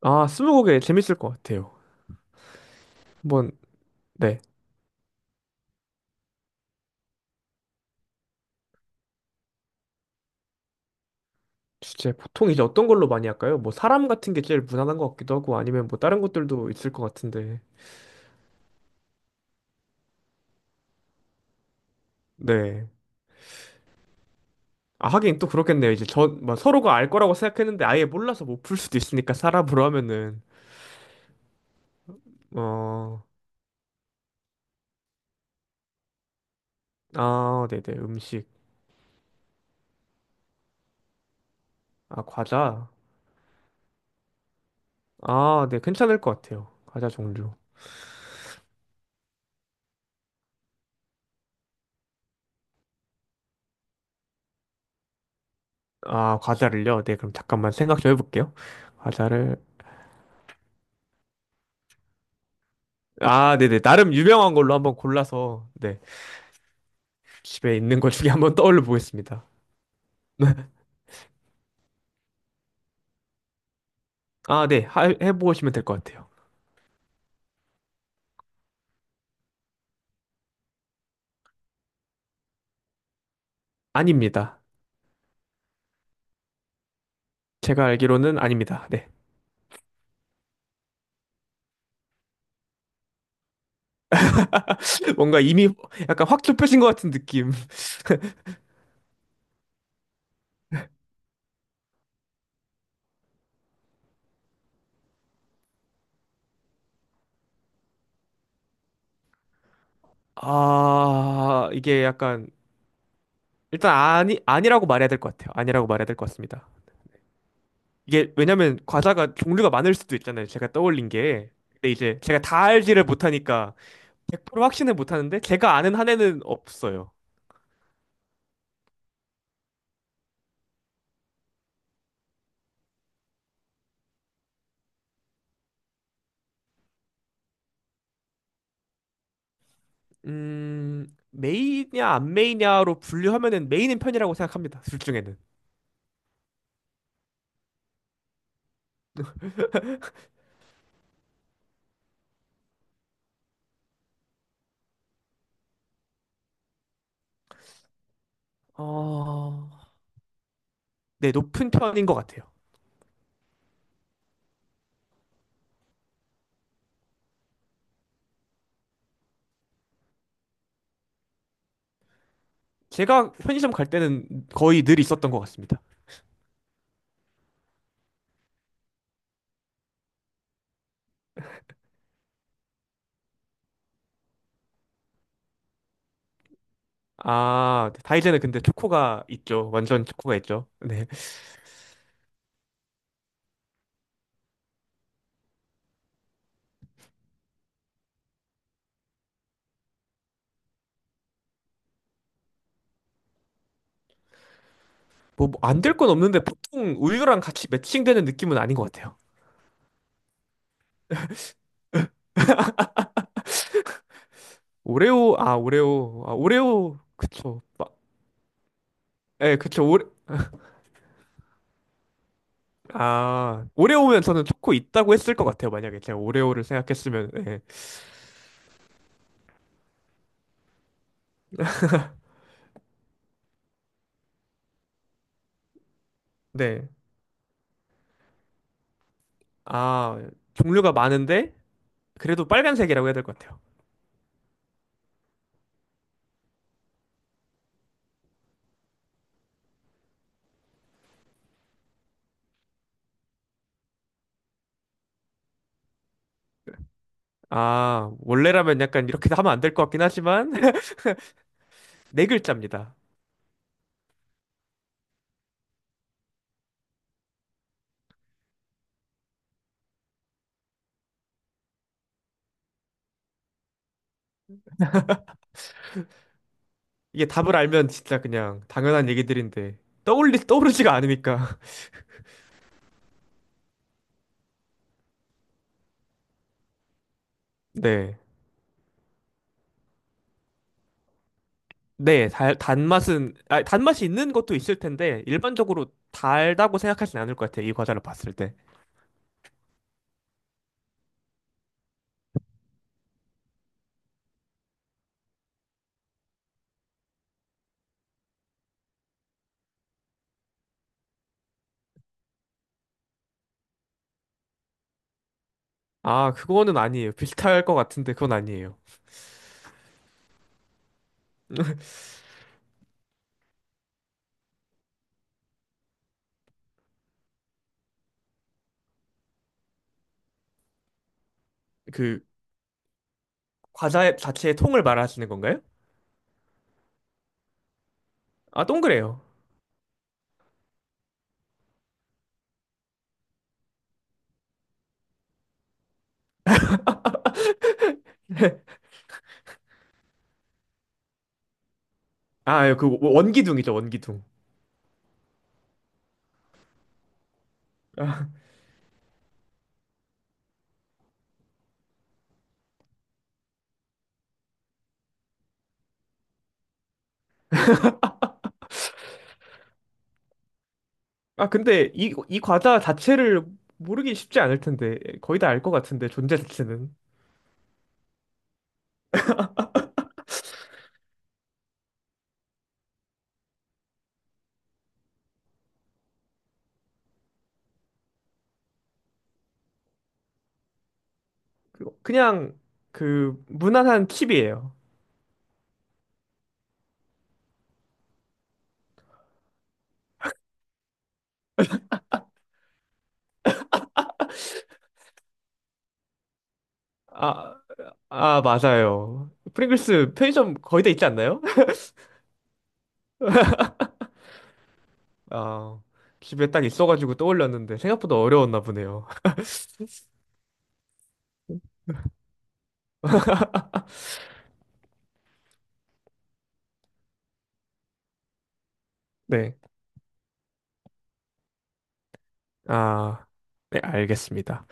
아, 스무고개 재밌을 것 같아요. 한번, 네. 주제, 보통 이제 어떤 걸로 많이 할까요? 뭐, 사람 같은 게 제일 무난한 것 같기도 하고, 아니면 뭐, 다른 것들도 있을 것 같은데. 네. 아, 하긴 또 그렇겠네요. 이제 저, 뭐, 서로가 알 거라고 생각했는데, 아예 몰라서 못 풀 수도 있으니까, 사람으로 하면은. 어, 아, 네네. 음식. 아, 과자. 아, 네. 괜찮을 것 같아요. 과자 종류. 아, 과자를요? 네. 그럼 잠깐만 생각 좀 해볼게요. 과자를. 아, 네네. 나름 유명한 걸로 한번 골라서, 네. 집에 있는 것 중에 한번 떠올려 보겠습니다. 아, 네. 하- 해보시면 될 것 같아요. 아닙니다. 제가 알기로는 아닙니다. 네. 뭔가 이미 약간 확 좁혀진 것 같은 느낌. 아, 이게 약간 일단 아니 아니라고 말해야 될 것 같아요. 아니라고 말해야 될 것 같습니다. 이게 왜냐면 과자가 종류가 많을 수도 있잖아요. 제가 떠올린 게. 근데 이제 제가 다 알지를 못하니까 100% 확신을 못하는데 제가 아는 한에는 없어요. 메이냐 안 메이냐로 분류하면은 메이는 편이라고 생각합니다. 둘 중에는. 어, 네, 높은 편인 것 같아요. 제가 편의점 갈 때는 거의 늘 있었던 것 같습니다. 아, 네, 다이제는 근데 초코가 있죠. 완전 초코가 있죠. 네. 뭐, 뭐, 안 될 건 없는데 보통 우유랑 같이 매칭되는 느낌은 아닌 것 같아요. 오레오, 아, 오레오, 아, 오레오, 그쵸. 막, 예, 그쵸. 오레, 아, 오레오면 저는 초코 있다고 했을 것 같아요. 만약에 제가 오레오를 생각했으면, 예. 네. 아, 종류가 많은데 그래도 빨간색이라고 해야 될 것 같아요. 아, 원래라면 약간 이렇게 하면 안 될 것 같긴 하지만 네 글자입니다. 이게 답을 알면 진짜 그냥 당연한 얘기들인데 떠올리 떠오르지가 않으니까. 네. 네, 달, 단맛은 아, 단맛이 있는 것도 있을 텐데 일반적으로 달다고 생각하진 않을 것 같아요. 이 과자를 봤을 때. 아, 그거는 아니에요. 비슷할 것 같은데 그건 아니에요. 그 과자 자체의 통을 말하시는 건가요? 아, 동그래요. 아, 그 원기둥이죠, 원기둥. 아, 근데 이, 이 과자 자체를 모르기 쉽지 않을 텐데, 거의 다 알 것 같은데, 존재 자체는. 그냥, 그, 무난한 칩이에요. 아, 아, 맞아요. 프링글스 편의점 거의 다 있지 않나요? 아, 집에 딱 있어가지고 떠올렸는데, 생각보다 어려웠나 보네요. 네. 아, 네, 알겠습니다.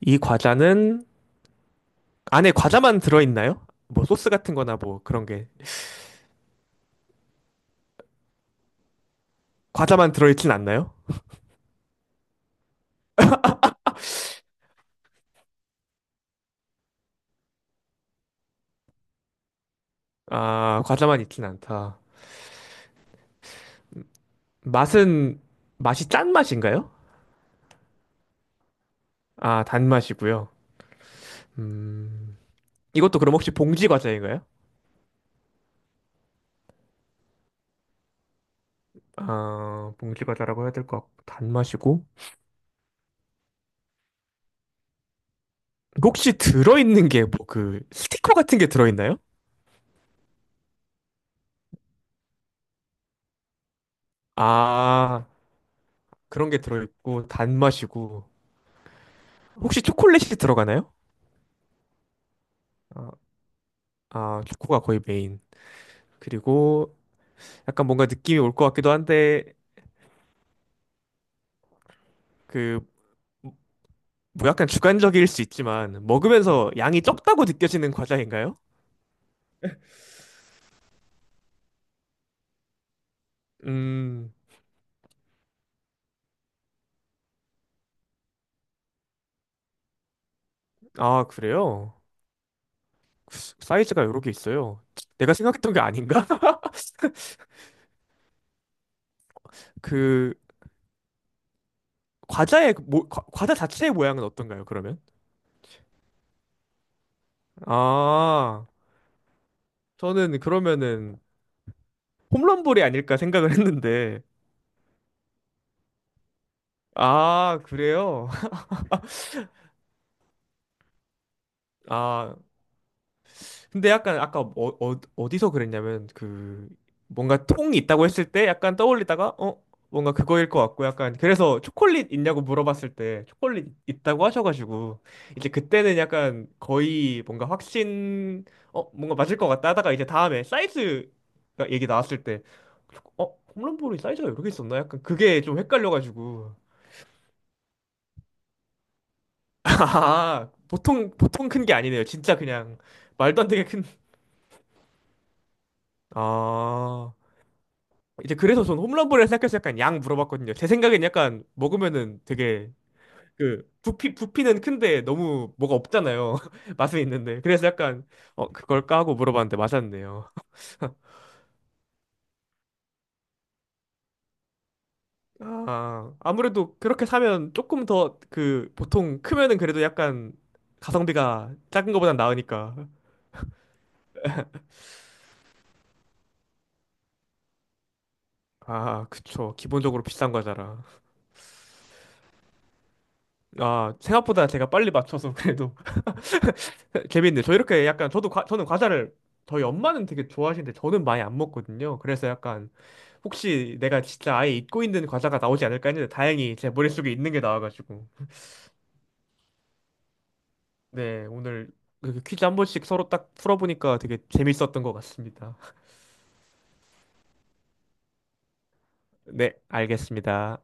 이 과자는, 안에 과자만 들어있나요? 뭐, 소스 같은 거나 뭐, 그런 게. 과자만 들어있진 않나요? 아, 과자만 있진 않다. 맛은 맛이 짠 맛인가요? 아, 단맛이고요. 음, 이것도 그럼 혹시 봉지 과자인가요? 아, 봉지 과자라고 해야 될 것 같고 단맛이고 혹시 들어있는 게 뭐 그 스티커 같은 게 들어있나요? 아, 그런 게 들어있고 단맛이고 혹시 초콜릿이 들어가나요? 아, 아, 초코가 거의 메인. 그리고 약간 뭔가 느낌이 올 것 같기도 한데 그 뭐 약간 주관적일 수 있지만 먹으면서 양이 적다고 느껴지는 과자인가요? 음. 아, 그래요? 사이즈가 여러 개 있어요. 내가 생각했던 게 아닌가? 그 과자의 그 과자 자체의 모양은 어떤가요, 그러면? 아, 저는 그러면은 홈런볼이 아닐까 생각을 했는데. 아, 그래요? 아, 근데 약간 아까 디서 그랬냐면 그 뭔가 통이 있다고 했을 때 약간 떠올리다가 뭔가 그거일 것 같고 약간 그래서 초콜릿 있냐고 물어봤을 때 초콜릿 있다고 하셔가지고 이제 그때는 약간 거의 뭔가 확신 뭔가 맞을 것 같다 하다가 이제 다음에 사이즈가 얘기 나왔을 때 어? 홈런볼이 사이즈가 이렇게 있었나? 약간 그게 좀 헷갈려가지고 아 보통 큰 게 아니네요 진짜 그냥 말도 안 되게 큰아 이제 그래서 전 홈런볼을 생각해서 약간 양 물어봤거든요. 제 생각엔 약간 먹으면은 되게 그 부피는 큰데 너무 뭐가 없잖아요. 맛은 있는데 그래서 약간 그걸까 하고 물어봤는데 맞았네요. 아 아무래도 그렇게 사면 조금 더 그 보통 크면은 그래도 약간 가성비가 작은 거보단 나으니까. 아, 그쵸. 기본적으로 비싼 과자라. 아, 생각보다 제가 빨리 맞춰서 그래도 그, 재밌네. 저 이렇게 약간 저도 저는 과자를 저희 엄마는 되게 좋아하시는데 저는 많이 안 먹거든요. 그래서 약간 혹시 내가 진짜 아예 잊고 있는 과자가 나오지 않을까 했는데 다행히 제 머릿속에 있는 게 나와가지고. 네, 오늘 이렇게 퀴즈 한 번씩 서로 딱 풀어보니까 되게 재밌었던 것 같습니다. 네, 알겠습니다.